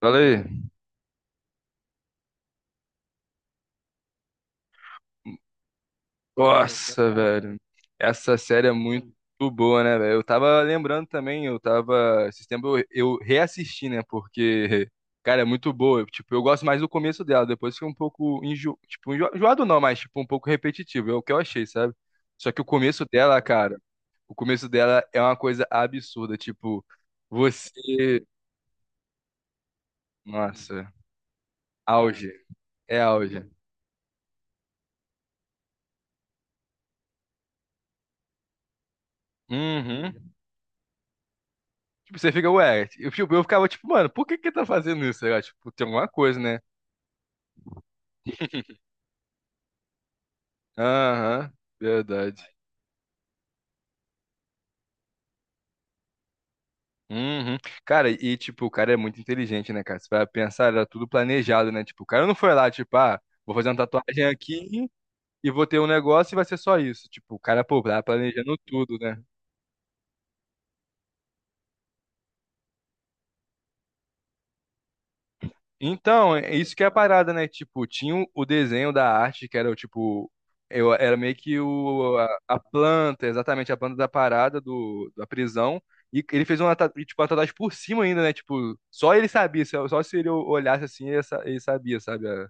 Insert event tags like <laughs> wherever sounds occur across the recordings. Fala aí. Nossa, velho. Essa série é muito boa, né, velho? Eu tava lembrando também, eu tava. Esse tempo eu reassisti, né? Porque, cara, é muito boa. Tipo, eu gosto mais do começo dela, depois fica um pouco enjoado não, mas tipo, um pouco repetitivo. É o que eu achei, sabe? Só que o começo dela, cara, o começo dela é uma coisa absurda. Tipo, você. Nossa, auge. É auge. Uhum. Tipo, você fica, ué, eu, tipo, eu ficava tipo, mano, por que que tá fazendo isso? Sei lá, tipo, tem alguma coisa, né? Aham, verdade. Uhum. Cara, e tipo, o cara é muito inteligente, né, cara? Você vai pensar, era tudo planejado, né? Tipo, o cara não foi lá, tipo, ah, vou fazer uma tatuagem aqui e vou ter um negócio e vai ser só isso. Tipo, o cara, pô, tá planejando tudo, né? Então, é isso que é a parada, né? Tipo, tinha o desenho da arte, que era o tipo. Eu, era meio que o, a planta, exatamente, a planta da parada do, da prisão. E ele fez uma, tipo, uma tatuagem por cima ainda, né? Tipo, só ele sabia, só, só se ele olhasse assim, ele, ele sabia, sabe?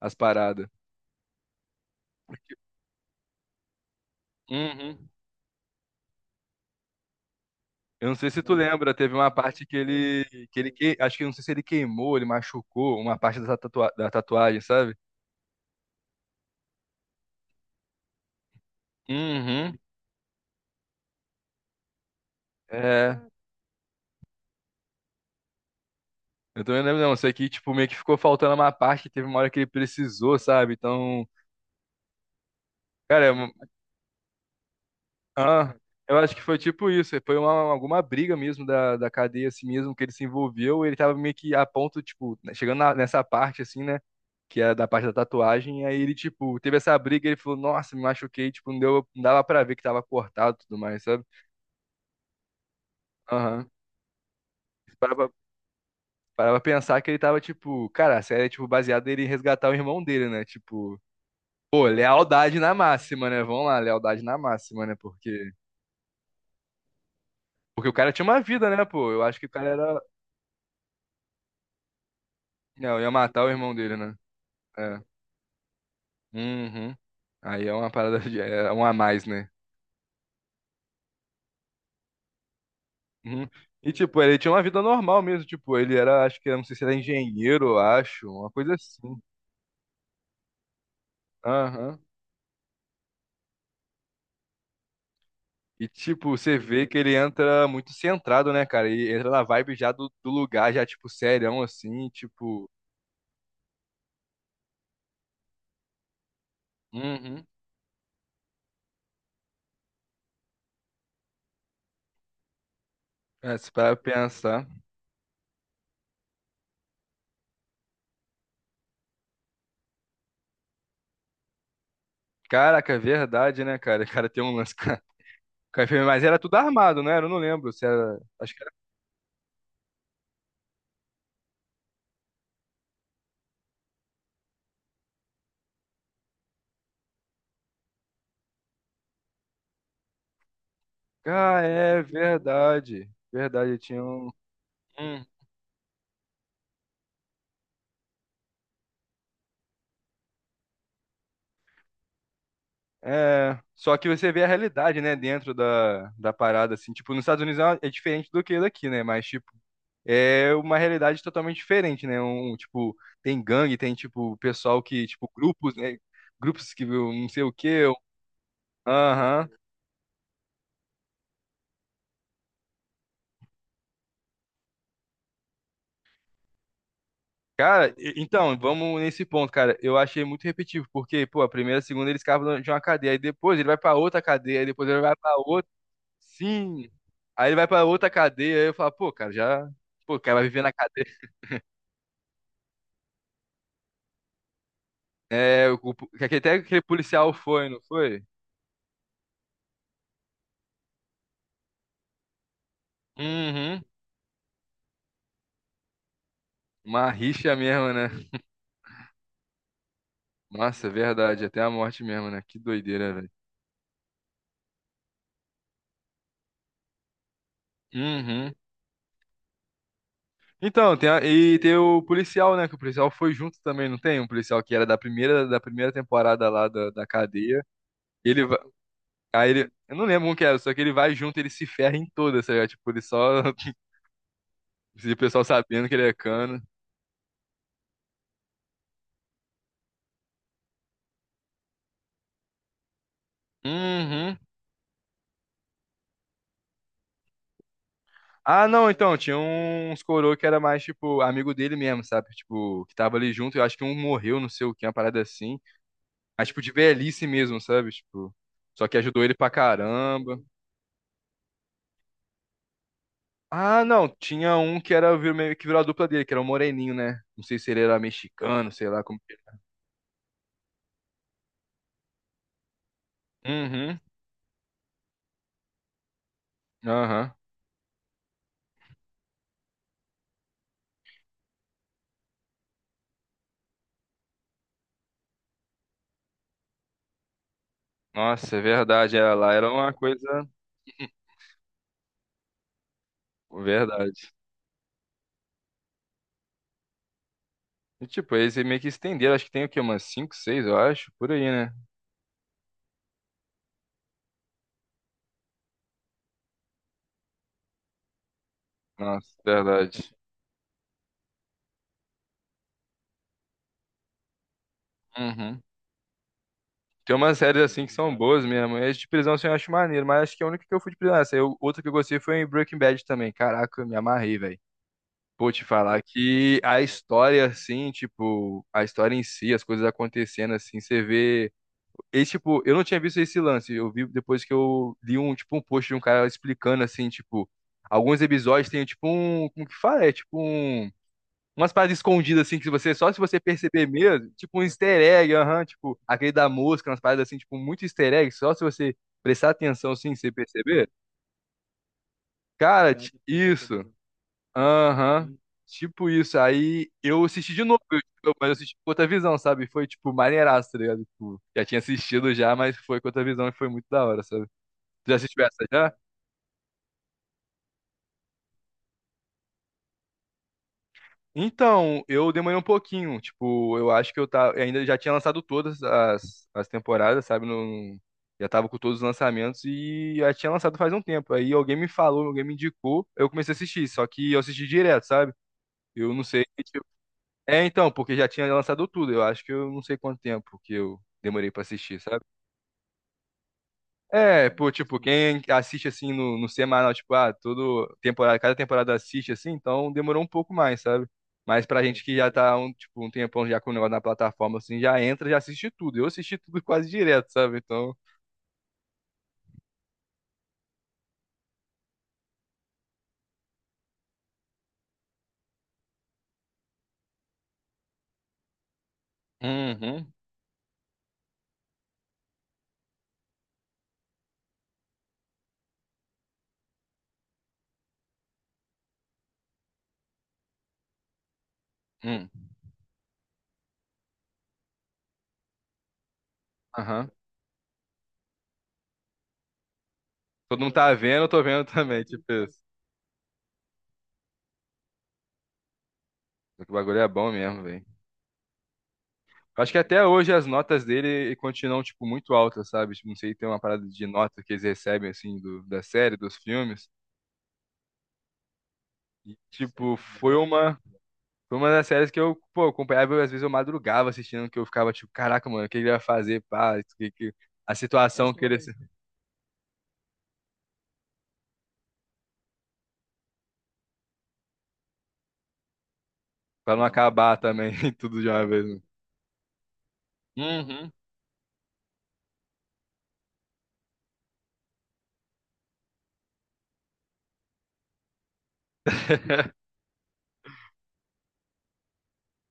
As paradas. Porque- Uhum. Eu não sei se tu lembra, teve uma parte que ele, acho que eu não sei se ele queimou, ele machucou uma parte dessa tatuagem, sabe? Uhum. É. Eu também não lembro, não. Isso aqui, tipo, meio que ficou faltando uma parte, teve uma hora que ele precisou, sabe? Então, cara, é uma- ah, eu acho que foi tipo isso. Foi uma, alguma briga mesmo da, da cadeia, assim mesmo, que ele se envolveu. Ele tava meio que a ponto, tipo, né, chegando nessa parte, assim, né? Que era da parte da tatuagem. Aí ele, tipo, teve essa briga e ele falou, nossa, me machuquei. Tipo, não, deu, não dava pra ver que tava cortado e tudo mais, sabe? Aham. Parava, parava pensar que ele tava, tipo, cara, a série é, tipo, baseada ele resgatar o irmão dele, né? Tipo. Pô, lealdade na máxima, né? Vamos lá, lealdade na máxima, né? Porque, porque o cara tinha uma vida, né, pô? Eu acho que o cara era. Não, ia matar o irmão dele, né? É. Uhum. Aí é uma parada de. É um a mais, né? Uhum. E, tipo, ele tinha uma vida normal mesmo. Tipo, ele era, acho que, não sei se era engenheiro, eu acho. Uma coisa assim. Aham. E, tipo, você vê que ele entra muito centrado, né, cara? E entra na vibe já do, do lugar, já, tipo, serião, assim, tipo. Uhum. É, se parar pra pensar. Caraca, é verdade, né, cara? O cara tem um lance. <laughs> Enfermeira. Mas era tudo armado, né? Eu não lembro se era. Acho que era. Ah, é verdade. Verdade, tinha um. Hum. É. Só que você vê a realidade, né, dentro da, da parada, assim. Tipo, nos Estados Unidos é uma- é diferente do que daqui, né? Mas, tipo, é uma realidade totalmente diferente, né? Um, tipo, tem gangue, tem, tipo, pessoal que, tipo, grupos, né? Grupos que viu não sei o quê. Um, Aham. Cara, então, vamos nesse ponto, cara. Eu achei muito repetitivo, porque, pô, a primeira, a segunda ele escapa de uma cadeia, aí depois ele vai pra outra cadeia, aí depois ele vai pra outra. Sim. Aí ele vai pra outra cadeia, aí eu falo, pô, cara, já. Pô, o cara vai viver na cadeia. <laughs> É, que até aquele policial foi, não foi? Uhum. Uma rixa mesmo, né? Nossa, verdade, até a morte mesmo, né? Que doideira, velho. Uhum. Então, tem a- e tem o policial, né? Que o policial foi junto também, não tem? Um policial que era da primeira temporada lá da, da cadeia. Ele vai. Aí ele. Eu não lembro como que era, só que ele vai junto, ele se ferra em todas, sabe? Tipo, ele só. <laughs> E o pessoal sabendo que ele é cano. Uhum. Ah, não, então, tinha uns coroa que era mais, tipo, amigo dele mesmo, sabe? Tipo, que tava ali junto, eu acho que um morreu, não sei o que, uma parada assim. Mas, tipo, de velhice mesmo, sabe? Tipo, só que ajudou ele pra caramba. Ah, não, tinha um que era virou meio que virou a dupla dele, que era o Moreninho, né? Não sei se ele era mexicano, sei lá como que era. Uhum, aham. Nossa, é verdade, era lá, era uma coisa. Verdade. E, tipo, eles meio que estenderam, acho que tem o quê? Umas 5 6 eu acho, por aí, né? Nossa, verdade. Uhum. Tem umas séries assim que são boas mesmo. Esse de prisão assim, eu acho maneiro, mas acho que a única que eu fui de prisão. Essa, eu, outra que eu gostei foi em Breaking Bad também. Caraca, eu me amarrei, velho. Pô, te falar que a história, assim, tipo, a história em si, as coisas acontecendo, assim, você vê. E, tipo, eu não tinha visto esse lance. Eu vi depois que eu li um, tipo, um post de um cara explicando, assim, tipo, alguns episódios tem, tipo, um, como que fala? É, tipo, um, umas paradas escondidas, assim, que você, só se você perceber mesmo, tipo, um easter egg, aham, tipo, aquele da mosca, umas paradas, assim, tipo, muito easter egg, só se você prestar atenção, assim, você perceber. Cara, isso. Aham. Tipo isso. Aí eu assisti de novo, mas eu assisti com outra visão, sabe? Foi, tipo, maneiraço, tá ligado? Tipo, já tinha assistido já, mas foi com outra visão e foi muito da hora, sabe? Tu já assistiu essa já? Então, eu demorei um pouquinho. Tipo, eu acho que eu tava. Ainda já tinha lançado todas as, as temporadas, sabe? No, já tava com todos os lançamentos e já tinha lançado faz um tempo. Aí alguém me falou, alguém me indicou, eu comecei a assistir. Só que eu assisti direto, sabe? Eu não sei. É, então, porque já tinha lançado tudo. Eu acho que eu não sei quanto tempo que eu demorei pra assistir, sabe? É, pô, tipo, quem assiste assim no, no semanal, tipo, ah, todo temporada, cada temporada assiste assim, então demorou um pouco mais, sabe? Mas pra gente que já tá um, tipo, um tempão já com o negócio na plataforma, assim, já entra, já assiste tudo. Eu assisti tudo <laughs> quase direto, sabe? Então. Uhum. Uhum. Aham. Todo mundo tá vendo, eu tô vendo também, tipo isso. O bagulho é bom mesmo, velho. Acho que até hoje as notas dele continuam, tipo, muito altas, sabe? Tipo, não sei, tem uma parada de nota que eles recebem, assim, do, da série, dos filmes. E, tipo, foi uma das séries que eu, pô, acompanhava, eu, às vezes eu madrugava assistindo, que eu ficava, tipo, caraca, mano, o que ele vai fazer, pá, isso a situação que ele... Pra não acabar também, <laughs> tudo de uma vez, né? Uhum. <laughs>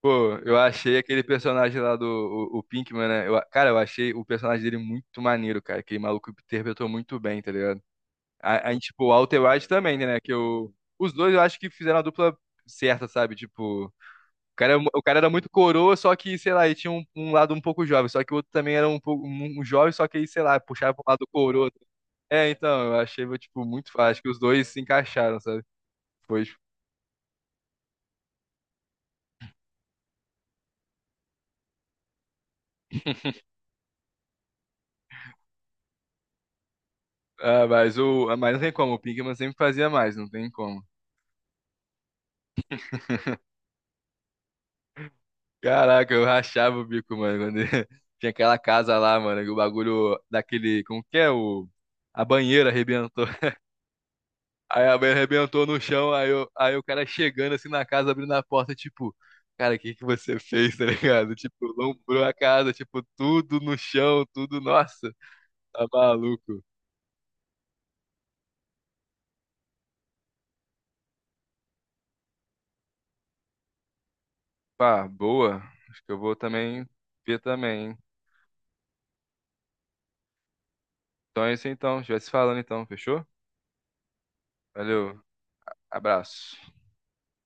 Pô, eu achei aquele personagem lá do o Pinkman, né? Cara, eu achei o personagem dele muito maneiro, cara. Aquele maluco interpretou muito bem, tá ligado? Tipo, o Walter White também, né? Que eu, os dois eu acho que fizeram a dupla certa, sabe? Tipo, o cara era muito coroa, só que, sei lá, ele tinha um, um lado um pouco jovem. Só que o outro também era um pouco um, um jovem, só que aí, sei lá, puxava pro lado coroa. É, então, eu achei, tipo, muito fácil. Acho que os dois se encaixaram, sabe? Foi, tipo, Mas não tem como, o Pinkman sempre fazia mais, não tem como. Caraca, eu rachava o bico, mano. Quando ele- <laughs> tinha aquela casa lá, mano, que o bagulho daquele. Como que é? O. A banheira arrebentou. Aí a mãe arrebentou no chão, aí, eu, aí o cara chegando assim na casa, abrindo a porta, tipo, cara, o que que você fez, tá ligado? Tipo, lombrou a casa, tipo, tudo no chão, tudo, nossa, tá maluco. Pá, boa. Acho que eu vou também ver também, hein? Então é isso então, a gente vai se falando então, fechou? Valeu, abraço.